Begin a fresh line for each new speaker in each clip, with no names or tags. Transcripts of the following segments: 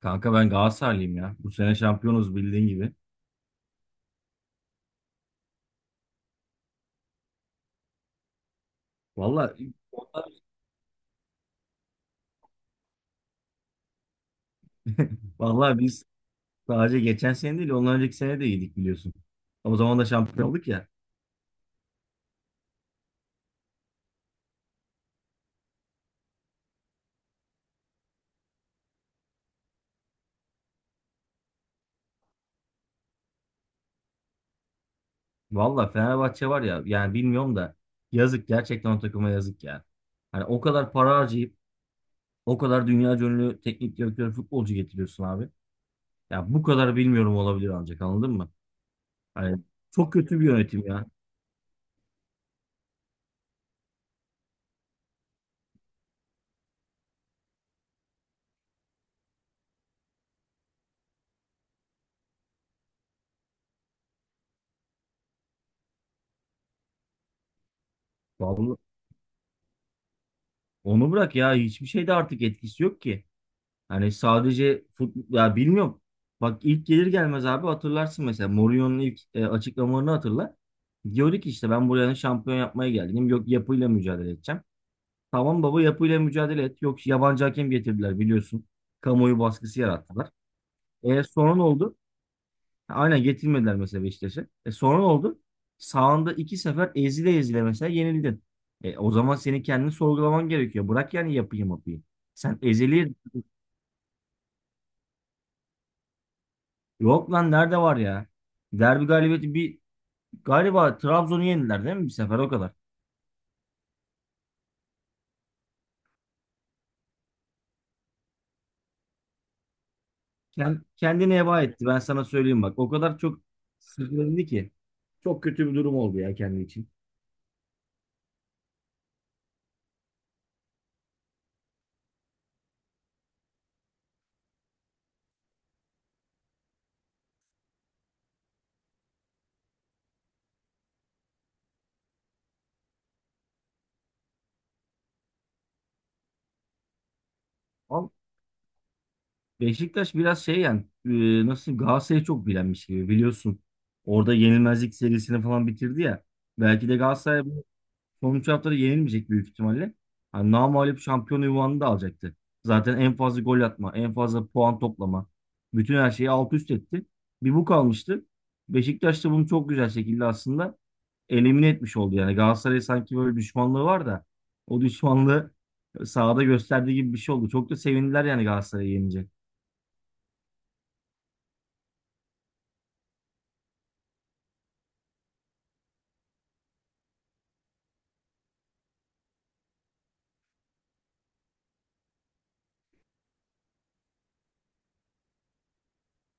Kanka ben Galatasaraylıyım ya. Bu sene şampiyonuz bildiğin gibi. Valla vallahi biz sadece geçen sene değil ondan önceki sene de iyiydik biliyorsun. O zaman da şampiyon olduk ya. Valla Fenerbahçe var ya yani bilmiyorum da yazık gerçekten o takıma yazık ya. Hani o kadar para harcayıp o kadar dünya ünlü teknik direktör futbolcu getiriyorsun abi. Ya bu kadar bilmiyorum olabilir ancak anladın mı? Hani çok kötü bir yönetim ya. Vallahi onu bırak ya hiçbir şeyde artık etkisi yok ki. Hani sadece fut ya bilmiyorum. Bak ilk gelir gelmez abi hatırlarsın mesela Mourinho'nun ilk açıklamalarını hatırla. Diyordu ki işte ben buranın şampiyon yapmaya geldim. Yok yapıyla mücadele edeceğim. Tamam baba yapıyla mücadele et. Yok yabancı hakem getirdiler biliyorsun. Kamuoyu baskısı yarattılar. E sonra ne oldu? Ha, aynen getirmediler mesela Beşiktaş'a. E sonra ne oldu? Sağında iki sefer ezile ezile mesela yenildin. E, o zaman senin kendini sorgulaman gerekiyor. Bırak yani yapayım yapayım. Sen ezeli. Yok lan nerede var ya? Derbi galibiyeti bir galiba Trabzon'u yendiler değil mi bir sefer o kadar. Kendini heba etti ben sana söyleyeyim bak. O kadar çok sızlandı ki. Çok kötü bir durum oldu ya kendi için. Ama Beşiktaş biraz şey yani nasıl Galatasaray'ı çok bilenmiş gibi biliyorsun. Orada yenilmezlik serisini falan bitirdi ya. Belki de Galatasaray sonuç haftada yenilmeyecek büyük ihtimalle. Hani namağlup şampiyon ünvanını da alacaktı. Zaten en fazla gol atma, en fazla puan toplama. Bütün her şeyi alt üst etti. Bir bu kalmıştı. Beşiktaş da bunu çok güzel şekilde aslında elimine etmiş oldu. Yani Galatasaray'a sanki böyle düşmanlığı var da o düşmanlığı sahada gösterdiği gibi bir şey oldu. Çok da sevindiler yani Galatasaray'ı yenince.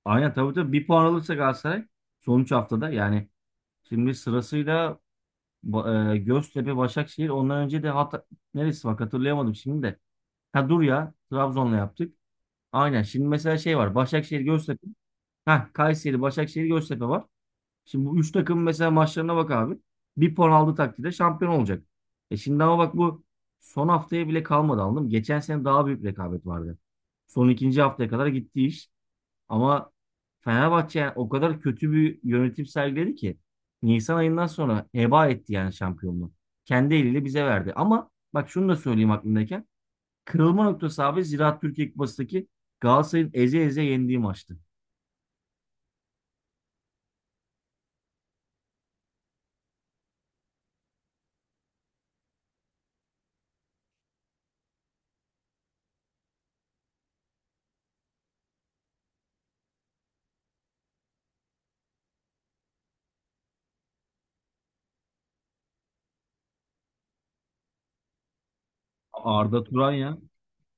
Aynen tabii tabii bir puan alırsa Galatasaray sonuç haftada yani şimdi sırasıyla Göztepe, Başakşehir. Ondan önce de hat neresi bak hatırlayamadım şimdi de. Ha dur ya. Trabzon'la yaptık. Aynen. Şimdi mesela şey var. Başakşehir, Göztepe. Ha Kayseri, Başakşehir, Göztepe var. Şimdi bu üç takım mesela maçlarına bak abi. Bir puan aldığı takdirde şampiyon olacak. E şimdi ama bak bu son haftaya bile kalmadı anladın mı? Geçen sene daha büyük rekabet vardı. Son ikinci haftaya kadar gitti iş. Ama Fenerbahçe yani o kadar kötü bir yönetim sergiledi ki Nisan ayından sonra heba etti yani şampiyonluğu. Kendi eliyle bize verdi. Ama bak şunu da söyleyeyim aklımdayken. Kırılma noktası abi Ziraat Türkiye Kupası'ndaki Galatasaray'ın eze eze yendiği maçtı. Arda Turan ya.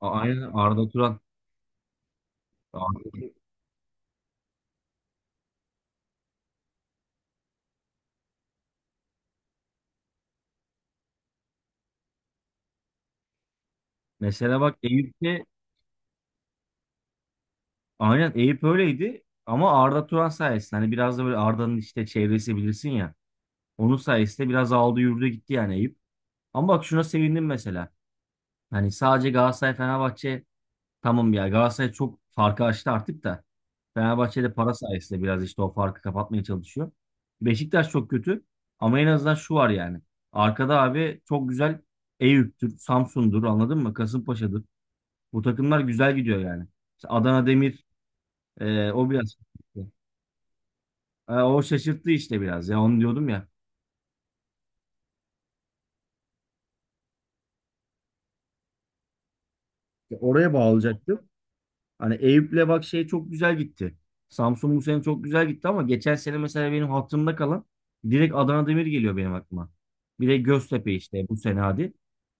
Aynen Arda Turan. Arda, mesela bak Eyüp'te aynen Eyüp öyleydi ama Arda Turan sayesinde hani biraz da böyle Arda'nın işte çevresi bilirsin ya. Onun sayesinde biraz aldı yürüdü gitti yani Eyüp. Ama bak şuna sevindim mesela. Hani sadece Galatasaray Fenerbahçe tamam ya Galatasaray çok farkı açtı artık da Fenerbahçe de para sayesinde biraz işte o farkı kapatmaya çalışıyor. Beşiktaş çok kötü ama en azından şu var yani. Arkada abi çok güzel Eyüp'tür, Samsun'dur anladın mı? Kasımpaşa'dır. Bu takımlar güzel gidiyor yani. İşte Adana Demir o biraz o şaşırttı işte biraz ya onu diyordum ya. Ya oraya bağlayacaktım. Hani Eyüp'le bak şey çok güzel gitti. Samsun bu sene çok güzel gitti ama geçen sene mesela benim hatırımda kalan direkt Adana Demir geliyor benim aklıma. Bir de Göztepe işte bu sene hadi.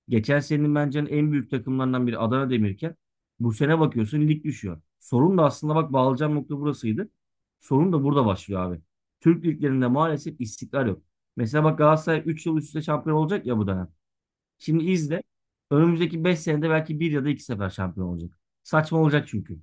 Geçen senenin bence en büyük takımlarından biri Adana Demirken bu sene bakıyorsun lig düşüyor. Sorun da aslında bak bağlayacağım nokta burasıydı. Sorun da burada başlıyor abi. Türk liglerinde maalesef istikrar yok. Mesela bak Galatasaray 3 yıl üst üste şampiyon olacak ya bu dönem. Şimdi izle. Önümüzdeki 5 senede belki bir ya da 2 sefer şampiyon olacak. Saçma olacak çünkü.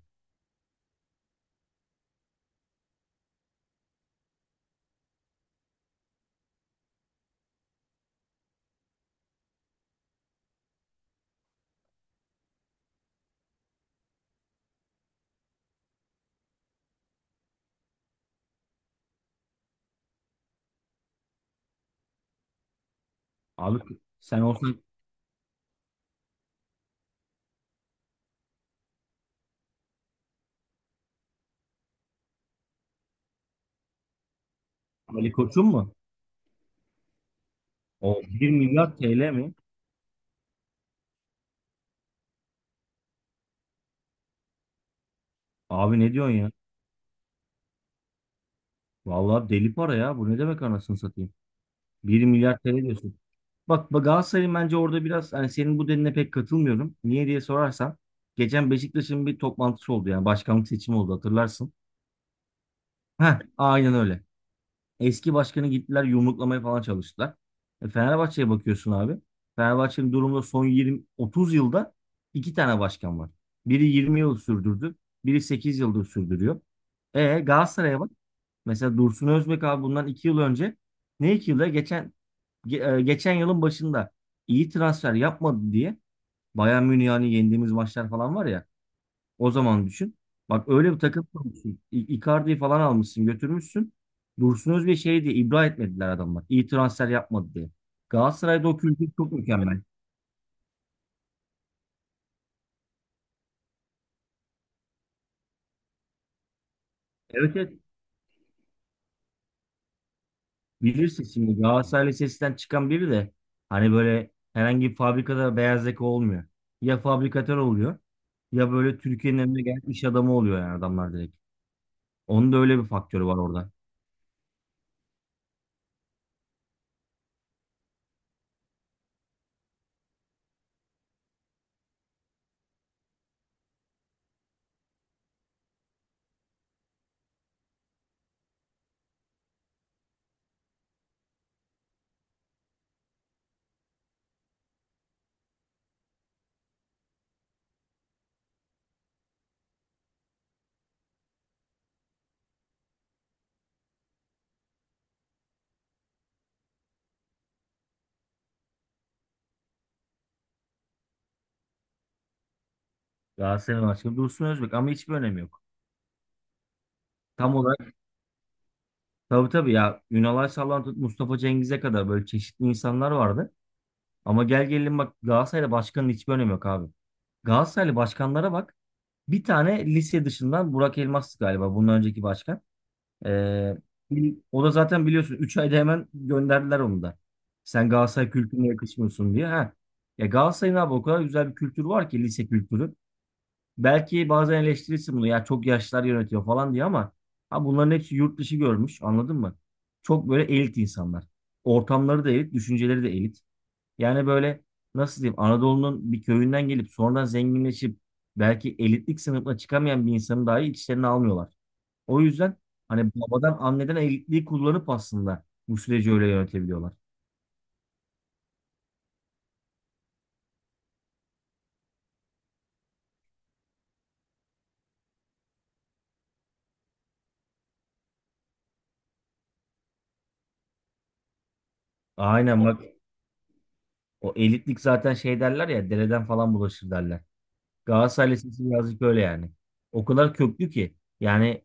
Abi sen olsan Ali Koç'un mu? O bir milyar TL mi? Abi ne diyorsun ya? Vallahi deli para ya. Bu ne demek anasını satayım? Bir milyar TL diyorsun. Bak Galatasaray'ın bence orada biraz hani senin bu dediğine pek katılmıyorum. Niye diye sorarsan geçen Beşiktaş'ın bir toplantısı oldu yani başkanlık seçimi oldu hatırlarsın. Heh, aynen öyle. Eski başkanı gittiler yumruklamaya falan çalıştılar. E, Fenerbahçe'ye bakıyorsun abi. Fenerbahçe'nin durumda son 20-30 yılda iki tane başkan var. Biri 20 yıl sürdürdü. Biri 8 yıldır sürdürüyor. E Galatasaray'a bak. Mesela Dursun Özbek abi bundan 2 yıl önce ne 2 yılda geçen geçen yılın başında iyi transfer yapmadı diye Bayern Münih'i hani yendiğimiz maçlar falan var ya o zaman düşün. Bak öyle bir takım kurmuşsun. Icardi'yi falan almışsın, götürmüşsün. Dursun Özbek'i şey diye ibra etmediler adamlar. İyi transfer yapmadı diye. Galatasaray'da o kültür çok mükemmel. Evet evet. Bilirsin şimdi Galatasaray Lisesi'nden çıkan biri de hani böyle herhangi bir fabrikada beyaz yaka olmuyor. Ya fabrikatör oluyor ya böyle Türkiye'nin önüne gelen iş adamı oluyor yani adamlar direkt. Onun da öyle bir faktörü var orada. Galatasaray'ın başka Dursun Özbek ama hiçbir önemi yok. Tam olarak tabii tabii ya Ünal Aysal'dan tut Mustafa Cengiz'e kadar böyle çeşitli insanlar vardı. Ama gel gelelim bak Galatasaray'da başkanın hiçbir önemi yok abi. Galatasaraylı başkanlara bak. Bir tane lise dışından Burak Elmas'tı galiba bundan önceki başkan. Ee, o da zaten biliyorsun 3 ayda hemen gönderdiler onu da. Sen Galatasaray kültürüne yakışmıyorsun diye. Ha. Ya Galatasaray'ın abi o kadar güzel bir kültür var ki lise kültürü. Belki bazen eleştirirsin bunu ya çok yaşlılar yönetiyor falan diye ama ha bunların hepsi yurt dışı görmüş anladın mı? Çok böyle elit insanlar. Ortamları da elit, düşünceleri de elit. Yani böyle nasıl diyeyim Anadolu'nun bir köyünden gelip sonradan zenginleşip belki elitlik sınıfına çıkamayan bir insanı dahi içlerine almıyorlar. O yüzden hani babadan anneden elitliği kullanıp aslında bu süreci öyle yönetebiliyorlar. Aynen bak o elitlik zaten şey derler ya dereden falan bulaşır derler. Galatasaray Lisesi birazcık öyle yani. O kadar köklü ki. Yani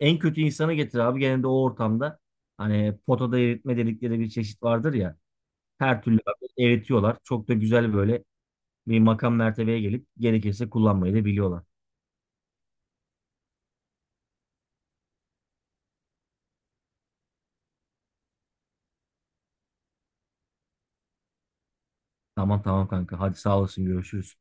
en kötü insanı getir abi. Genelde o ortamda hani potada eritme dedikleri bir çeşit vardır ya. Her türlü abi eritiyorlar. Çok da güzel böyle bir makam mertebeye gelip gerekirse kullanmayı da biliyorlar. Tamam tamam kanka. Hadi sağ olasın görüşürüz.